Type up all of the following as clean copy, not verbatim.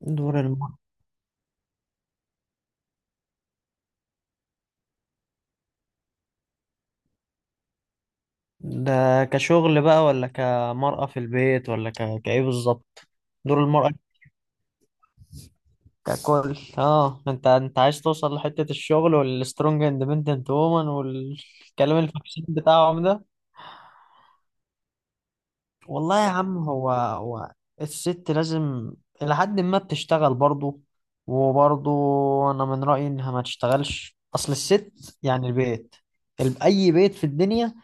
دور المرأة ده كشغل بقى ولا كمرأة في البيت ولا كإيه بالظبط؟ دور المرأة ككل. اه انت عايز توصل لحتة الشغل والسترونج اندبندنت وومن والكلام الفاكسين بتاعهم ده. والله يا عم، هو الست لازم إلى حد ما بتشتغل برضه، وبرضه أنا من رأيي إنها ما تشتغلش. أصل الست يعني البيت، أي بيت في الدنيا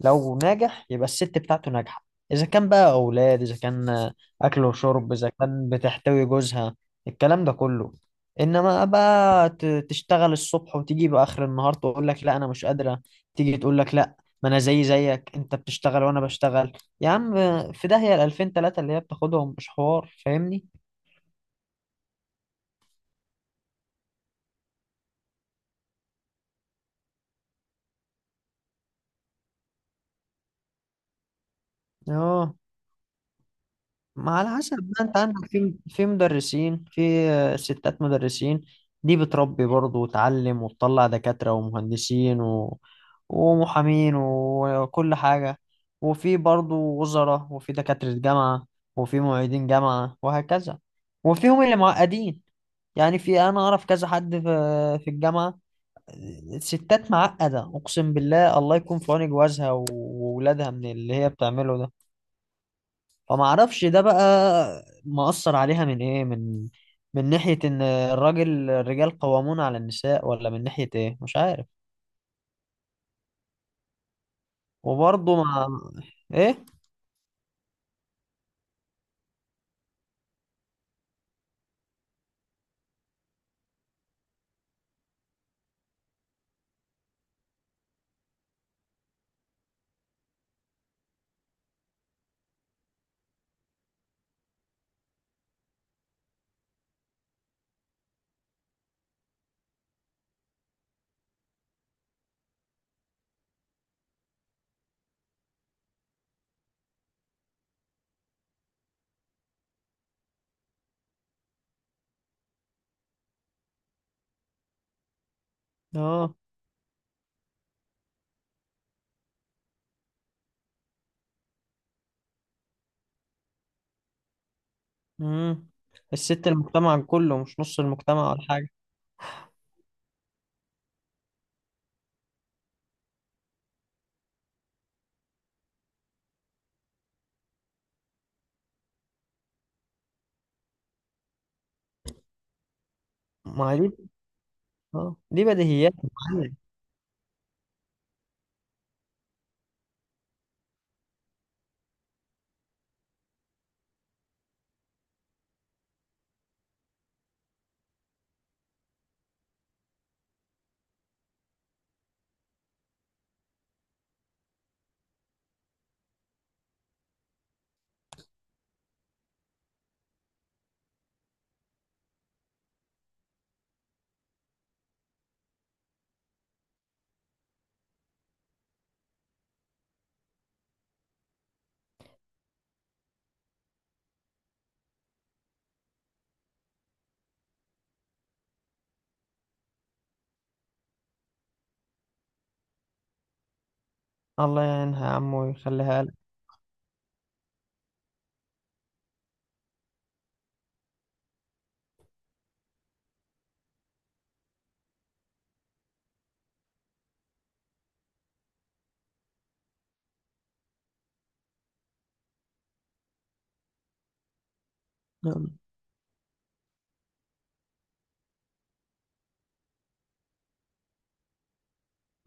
لو ناجح يبقى الست بتاعته ناجحة، إذا كان بقى أولاد، إذا كان أكل وشرب، إذا كان بتحتوي جوزها، الكلام ده كله. إنما بقى تشتغل الصبح وتيجي بآخر النهار تقول لك لا أنا مش قادرة، تيجي تقول لك لا ما أنا زي أنت بتشتغل وأنا بشتغل. يا عم في داهية ال 2000 3 اللي هي بتاخدهم، مش حوار، فاهمني. اه ما على حسب بقى، انت عندك في مدرسين، في ستات مدرسين، دي بتربي برضه وتعلم وتطلع دكاترة ومهندسين ومحامين وكل حاجة، وفي برضه وزراء، وفي دكاترة جامعة، وفي معيدين جامعة وهكذا. وفيهم اللي معقدين، يعني في، انا اعرف كذا حد في في الجامعة الستات معقدة، أقسم بالله الله يكون في عون جوازها وولادها من اللي هي بتعمله ده. فما أعرفش ده بقى مأثر عليها من إيه، من من ناحية إن الرجال قوامون على النساء، ولا من ناحية إيه، مش عارف. وبرضه مع، إيه، آه. مم. الست المجتمع كله، مش نص المجتمع ولا حاجة. ما هي دي، آه دي بديهيات يا معلم. الله يعينها يا عم ويخليها لك.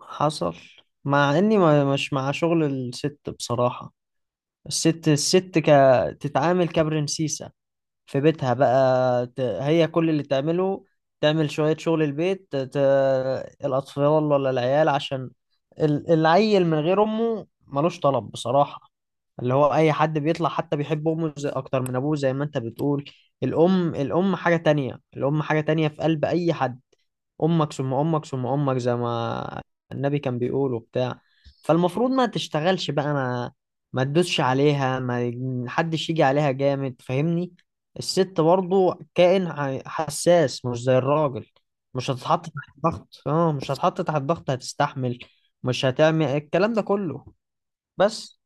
حصل. مع اني ما مش مع شغل الست بصراحة. الست تتعامل كبرنسيسة في بيتها بقى، هي كل اللي تعمله تعمل شوية شغل البيت، الأطفال ولا العيال، عشان العيل من غير أمه ملوش طلب بصراحة. اللي هو أي حد بيطلع حتى بيحب أمه أكتر من أبوه، زي ما أنت بتقول. الأم حاجة تانية، الأم حاجة تانية في قلب أي حد. امك ثم امك ثم امك زي ما النبي كان بيقول وبتاع. فالمفروض ما تشتغلش بقى، ما ما تدوسش عليها، ما حدش يجي عليها جامد، فاهمني. الست برضو كائن حساس، مش زي الراجل، مش هتتحط تحت ضغط. اه مش هتتحط تحت ضغط، هتستحمل، مش هتعمل الكلام ده كله. بس.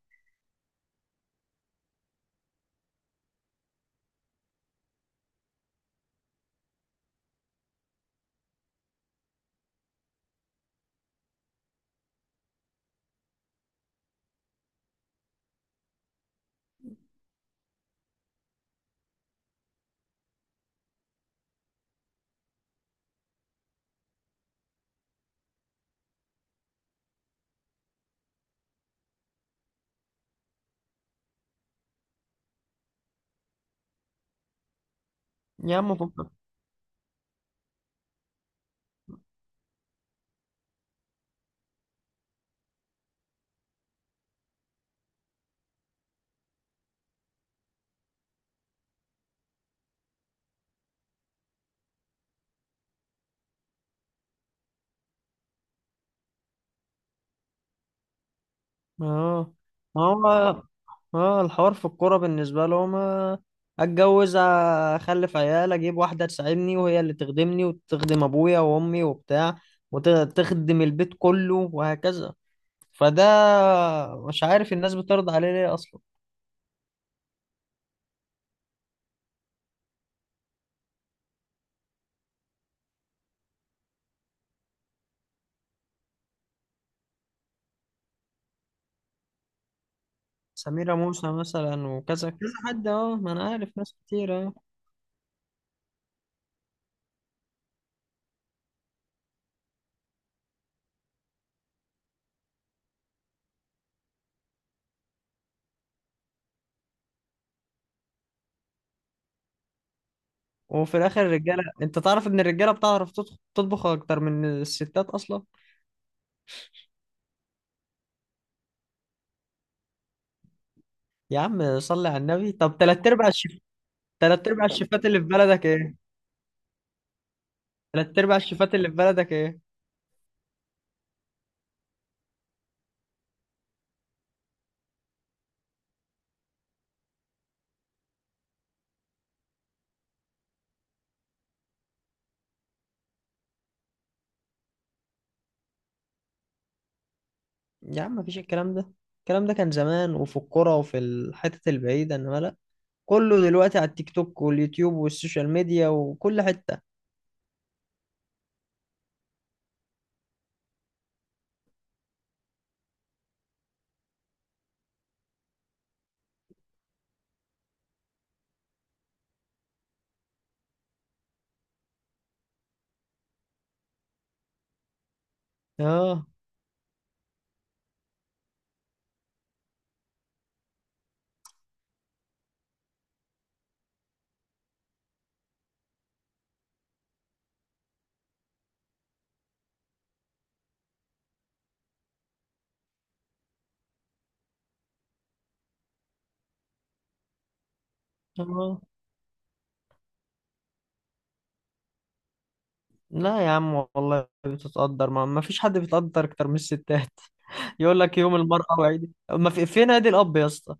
يا عم اه. ما هو اه الحوار في الكوره بالنسبه لهم، اتجوز، اخلف عيال، اجيب واحده تساعدني وهي اللي تخدمني وتخدم ابويا وامي وبتاع، وتخدم البيت كله وهكذا. فده، مش عارف الناس بترضى عليه ليه اصلا. سميرة موسى مثلا وكذا كذا حد، اه ما انا عارف ناس كتير اه. وفي الاخر الرجاله انت تعرف ان الرجاله بتعرف تطبخ، اكتر من الستات اصلا. يا عم صلي على النبي، طب تلات ارباع الشيف، تلات ارباع الشيفات اللي في بلدك ايه، تلات ارباع الشيفات اللي في بلدك ايه. يا عم مفيش الكلام ده، الكلام ده كان زمان وفي القرى وفي الحتت البعيدة، انما لا، كله دلوقتي على التيك توك واليوتيوب والسوشيال ميديا وكل حتة. اه. اه لا يا عم والله بتتقدر، ما فيش حد بيتقدر اكتر من الستات. يقول لك يوم المرأة وعيد، ما في فين عيد الأب يا اسطى،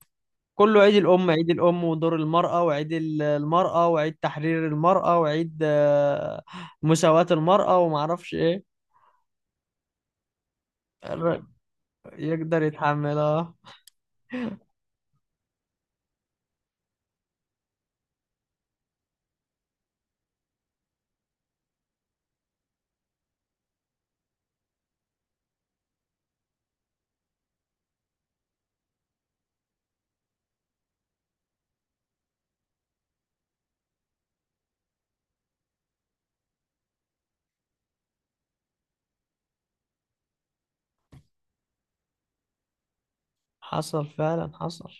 كله عيد الأم، عيد الأم ودور المرأة وعيد المرأة وعيد تحرير المرأة وعيد، مساواة المرأة وما اعرفش ايه. الر- يقدر يتحملها. حصل فعلا، حصل.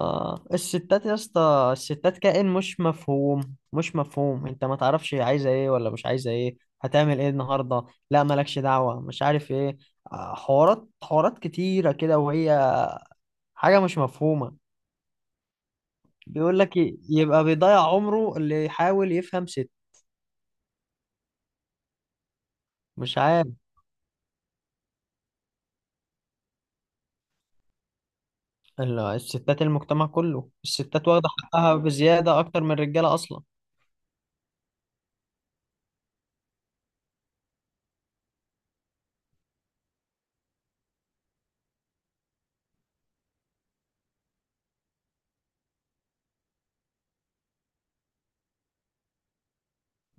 اه الستات يا اسطى الستات كائن مش مفهوم، مش مفهوم، انت ما تعرفش هي عايزه ايه ولا مش عايزه ايه، هتعمل ايه النهارده، لا مالكش دعوه، مش عارف ايه، حوارات كتيره كده، وهي حاجه مش مفهومه. بيقول لك يبقى بيضيع عمره اللي يحاول يفهم ست. مش عارف. الستات المجتمع كله، الستات واخده حقها بزياده اكتر من الرجاله اصلا.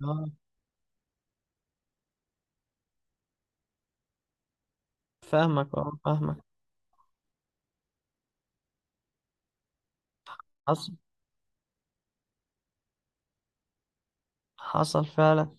اه فاهمك، اه فاهمك. حصل، حصل فعلا.